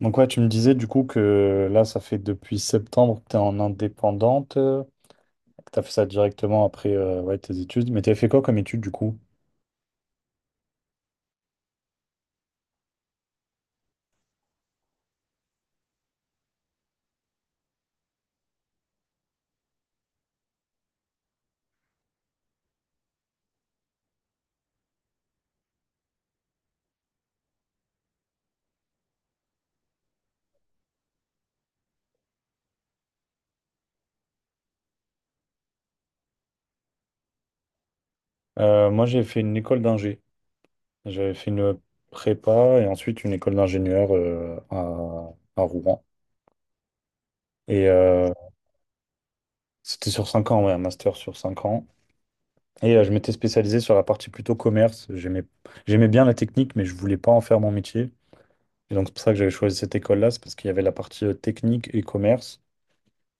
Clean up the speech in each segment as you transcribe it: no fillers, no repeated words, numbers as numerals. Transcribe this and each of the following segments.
Donc ouais, tu me disais du coup que là, ça fait depuis septembre que tu es en indépendante, que tu as fait ça directement après ouais, tes études. Mais tu as fait quoi comme études du coup? Moi, j'ai fait une école d'ingé. J'avais fait une prépa et ensuite une école d'ingénieur à Rouen. Et c'était sur 5 ans, ouais, un master sur 5 ans. Et je m'étais spécialisé sur la partie plutôt commerce. J'aimais, j'aimais bien la technique, mais je voulais pas en faire mon métier. Et donc c'est pour ça que j'avais choisi cette école-là, c'est parce qu'il y avait la partie technique et commerce.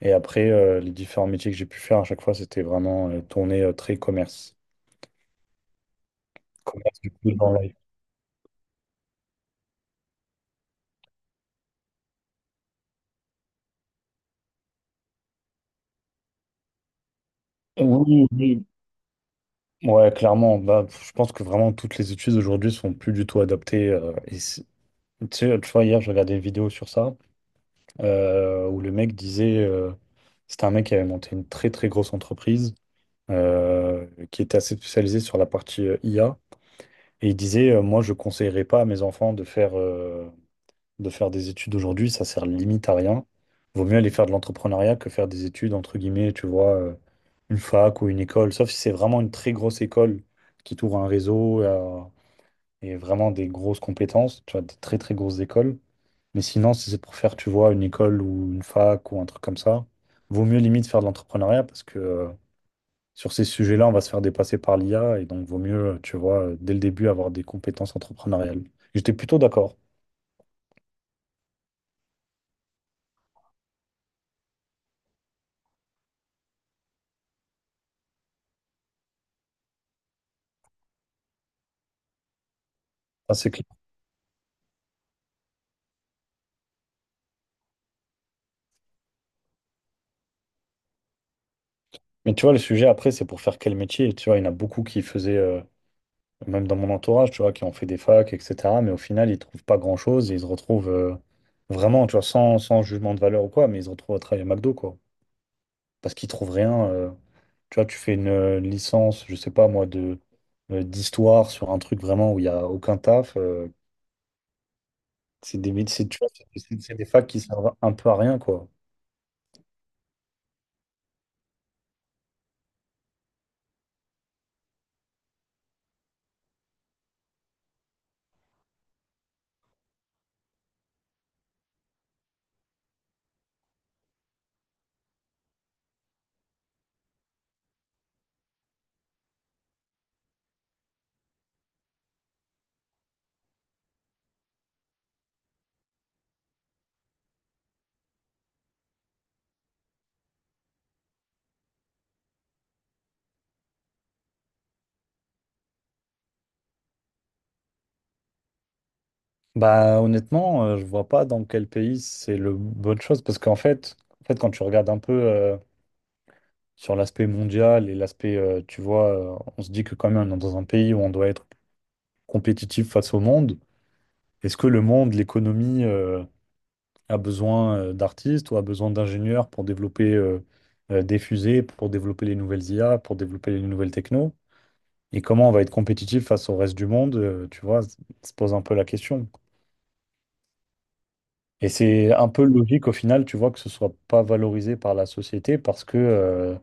Et après, les différents métiers que j'ai pu faire à chaque fois, c'était vraiment tourné très commerce. Commerce du coup dans la- Oui, oui. Ouais, clairement. Bah, je pense que vraiment toutes les études aujourd'hui sont plus du tout adaptées. Et c'est- tu sais, tu vois, hier, je regardais une vidéo sur ça où le mec disait, c'était un mec qui avait monté une très très grosse entreprise qui était assez spécialisée sur la partie IA. Et il disait, moi, je conseillerais pas à mes enfants de faire de faire des études aujourd'hui, ça sert limite à rien. Vaut mieux aller faire de l'entrepreneuriat que faire des études, entre guillemets, tu vois, une fac ou une école. Sauf si c'est vraiment une très grosse école qui t'ouvre un réseau et vraiment des grosses compétences, tu vois, des très très grosses écoles. Mais sinon, si c'est pour faire, tu vois, une école ou une fac ou un truc comme ça, vaut mieux limite faire de l'entrepreneuriat parce que sur ces sujets-là, on va se faire dépasser par l'IA et donc vaut mieux, tu vois, dès le début avoir des compétences entrepreneuriales. J'étais plutôt d'accord. Ah, c'est clair. Mais tu vois, le sujet après, c'est pour faire quel métier? Tu vois, il y en a beaucoup qui faisaient, même dans mon entourage, tu vois, qui ont fait des facs, etc. Mais au final, ils trouvent pas grand-chose et ils se retrouvent vraiment, tu vois, sans, sans jugement de valeur ou quoi, mais ils se retrouvent à travailler à McDo, quoi. Parce qu'ils trouvent rien. Tu vois, tu fais une licence, je sais pas moi, de d'histoire sur un truc vraiment où il y a aucun taf. C'est des, c'est tu vois, c'est des facs qui servent un peu à rien, quoi. Bah honnêtement, je vois pas dans quel pays c'est le bonne chose parce qu'en fait, en fait, quand tu regardes un peu sur l'aspect mondial et l'aspect, tu vois, on se dit que quand même, on est dans un pays où on doit être compétitif face au monde. Est-ce que le monde, l'économie, a besoin d'artistes ou a besoin d'ingénieurs pour développer des fusées, pour développer les nouvelles IA, pour développer les nouvelles techno? Et comment on va être compétitif face au reste du monde, tu vois, se pose un peu la question. Et c'est un peu logique au final, tu vois, que ce soit pas valorisé par la société parce que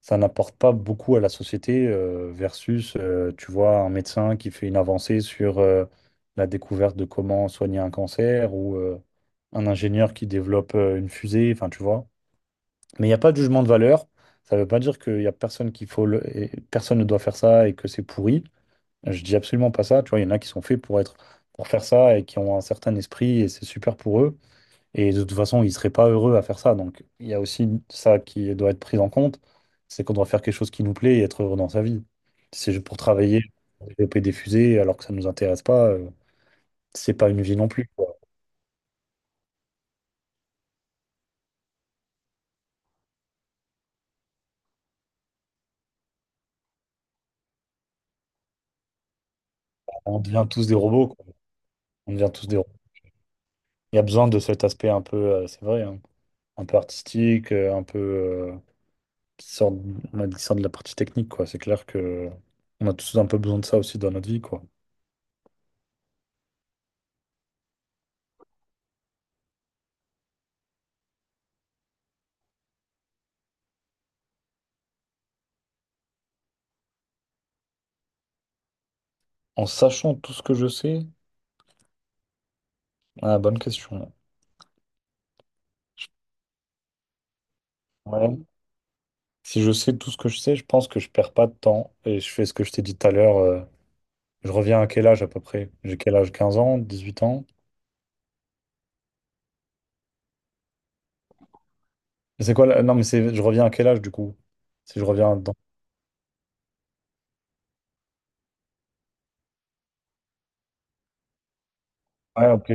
ça n'apporte pas beaucoup à la société versus, tu vois, un médecin qui fait une avancée sur la découverte de comment soigner un cancer ou un ingénieur qui développe une fusée, enfin, tu vois. Mais il n'y a pas de jugement de valeur. Ça ne veut pas dire qu'il n'y a personne qu'il faut personne ne doit faire ça et que c'est pourri. Je dis absolument pas ça. Tu vois, il y en a qui sont faits pour pour faire ça et qui ont un certain esprit et c'est super pour eux. Et de toute façon, ils seraient pas heureux à faire ça. Donc, il y a aussi ça qui doit être pris en compte, c'est qu'on doit faire quelque chose qui nous plaît et être heureux dans sa vie. Si c'est juste pour travailler, pour développer des fusées, alors que ça nous intéresse pas, c'est pas une vie non plus, quoi. On devient tous des robots, quoi. On devient tous des robots. Il y a besoin de cet aspect un peu, c'est vrai, hein, un peu artistique, qui sort, on a dit, qui sort de la partie technique, quoi. C'est clair que on a tous un peu besoin de ça aussi dans notre vie, quoi. En sachant tout ce que je sais, ah, bonne question. Ouais. Si je sais tout ce que je sais, je pense que je perds pas de temps et je fais ce que je t'ai dit tout à l'heure. Je reviens à quel âge à peu près? J'ai quel âge? 15 ans, 18 ans? C'est quoi là? Non, mais c'est je reviens à quel âge du coup? Si je reviens dans... Ouais, ok.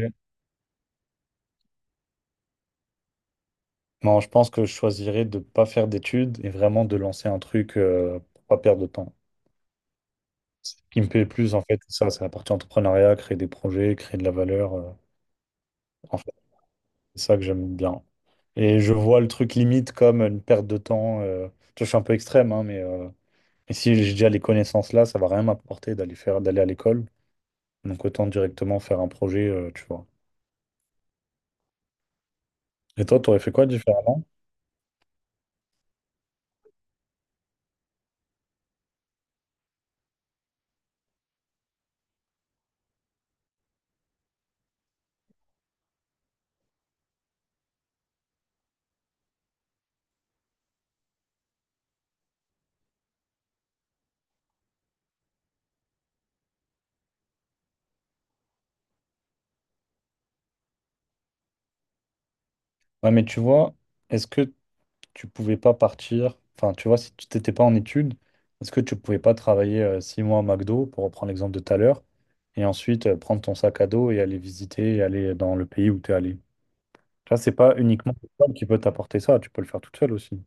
Non, je pense que je choisirais de ne pas faire d'études et vraiment de lancer un truc pour pas perdre de temps. Ce qui me plaît plus, en fait, c'est ça, c'est la partie entrepreneuriat, créer des projets, créer de la valeur. En fait, c'est ça que j'aime bien. Et je vois le truc limite comme une perte de temps. Tu vois, je suis un peu extrême, hein, mais et si j'ai déjà les connaissances là, ça va rien m'apporter d'aller à l'école. Donc autant directement faire un projet, tu vois. Et toi, tu aurais fait quoi différemment? Ouais, mais tu vois, est-ce que tu pouvais pas partir, enfin, tu vois, si tu t'étais pas en études, est-ce que tu pouvais pas travailler 6 mois à McDo, pour reprendre l'exemple de tout à l'heure, et ensuite prendre ton sac à dos et aller visiter et aller dans le pays où tu es allé? Tu vois, c'est pas uniquement l'école qui peut t'apporter ça, tu peux le faire toute seule aussi.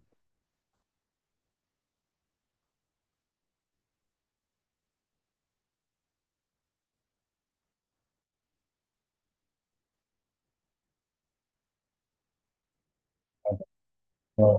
Ouais,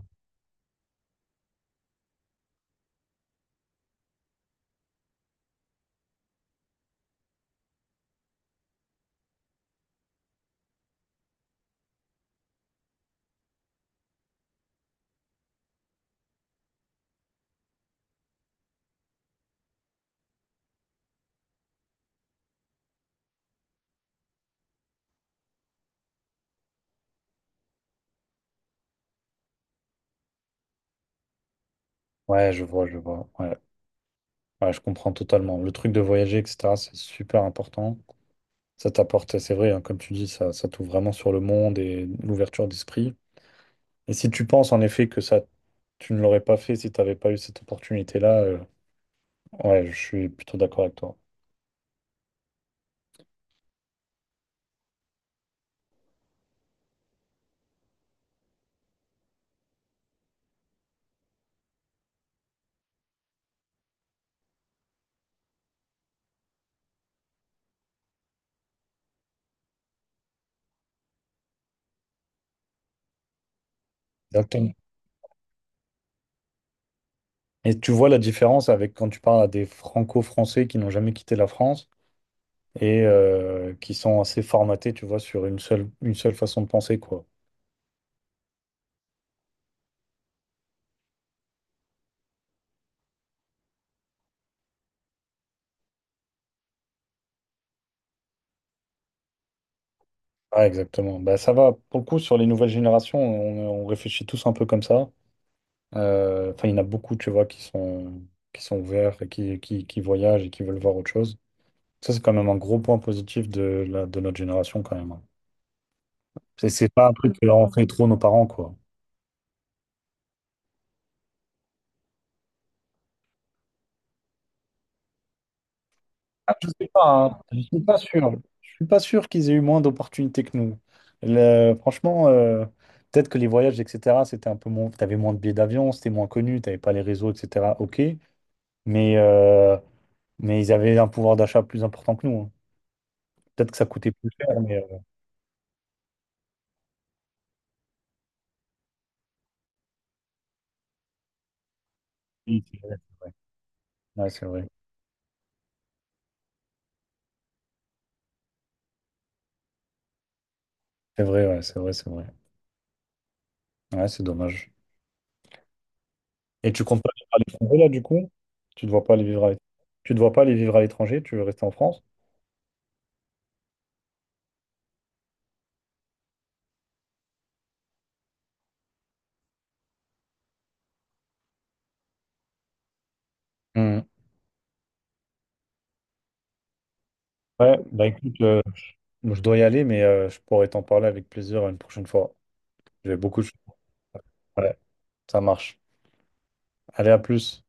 ouais, je vois, je vois. Ouais. Ouais, je comprends totalement. Le truc de voyager, etc., c'est super important. Ça t'apporte, c'est vrai, hein, comme tu dis, ça t'ouvre vraiment sur le monde et l'ouverture d'esprit. Et si tu penses en effet que ça, tu ne l'aurais pas fait si tu n'avais pas eu cette opportunité-là, ouais, je suis plutôt d'accord avec toi. Exactement. Et tu vois la différence avec quand tu parles à des franco-français qui n'ont jamais quitté la France et qui sont assez formatés, tu vois, sur une seule façon de penser, quoi. Ah, exactement. Bah, ça va. Pour le coup, sur les nouvelles générations, on réfléchit tous un peu comme ça. Enfin, il y en a beaucoup, tu vois, qui sont ouverts et qui voyagent et qui veulent voir autre chose. Ça, c'est quand même un gros point positif de, la, de notre génération, quand même, hein. C'est pas un truc que leur ont fait trop nos parents, quoi. Ah, je sais pas, hein. Je suis pas sûr. Je suis pas sûr qu'ils aient eu moins d'opportunités que nous. Franchement, peut-être que les voyages, etc., c'était un peu moins. T'avais moins de billets d'avion, c'était moins connu, t'avais pas les réseaux, etc. Ok, mais euh, mais ils avaient un pouvoir d'achat plus important que nous, hein. Peut-être que ça coûtait plus cher, mais oui, c'est vrai, c'est vrai. Ouais, c'est vrai. C'est vrai, ouais, c'est vrai, c'est vrai. Ouais, c'est dommage. Et tu comptes pas aller à l'étranger là, du coup? Tu ne vois pas aller vivre à l'étranger? Tu ne vois pas aller vivre à l'étranger? Tu veux rester en France? Hmm. Ouais, bah écoute. Bon, je dois y aller, mais je pourrais t'en parler avec plaisir une prochaine fois. J'ai beaucoup de choses. Ouais, ça marche. Allez, à plus.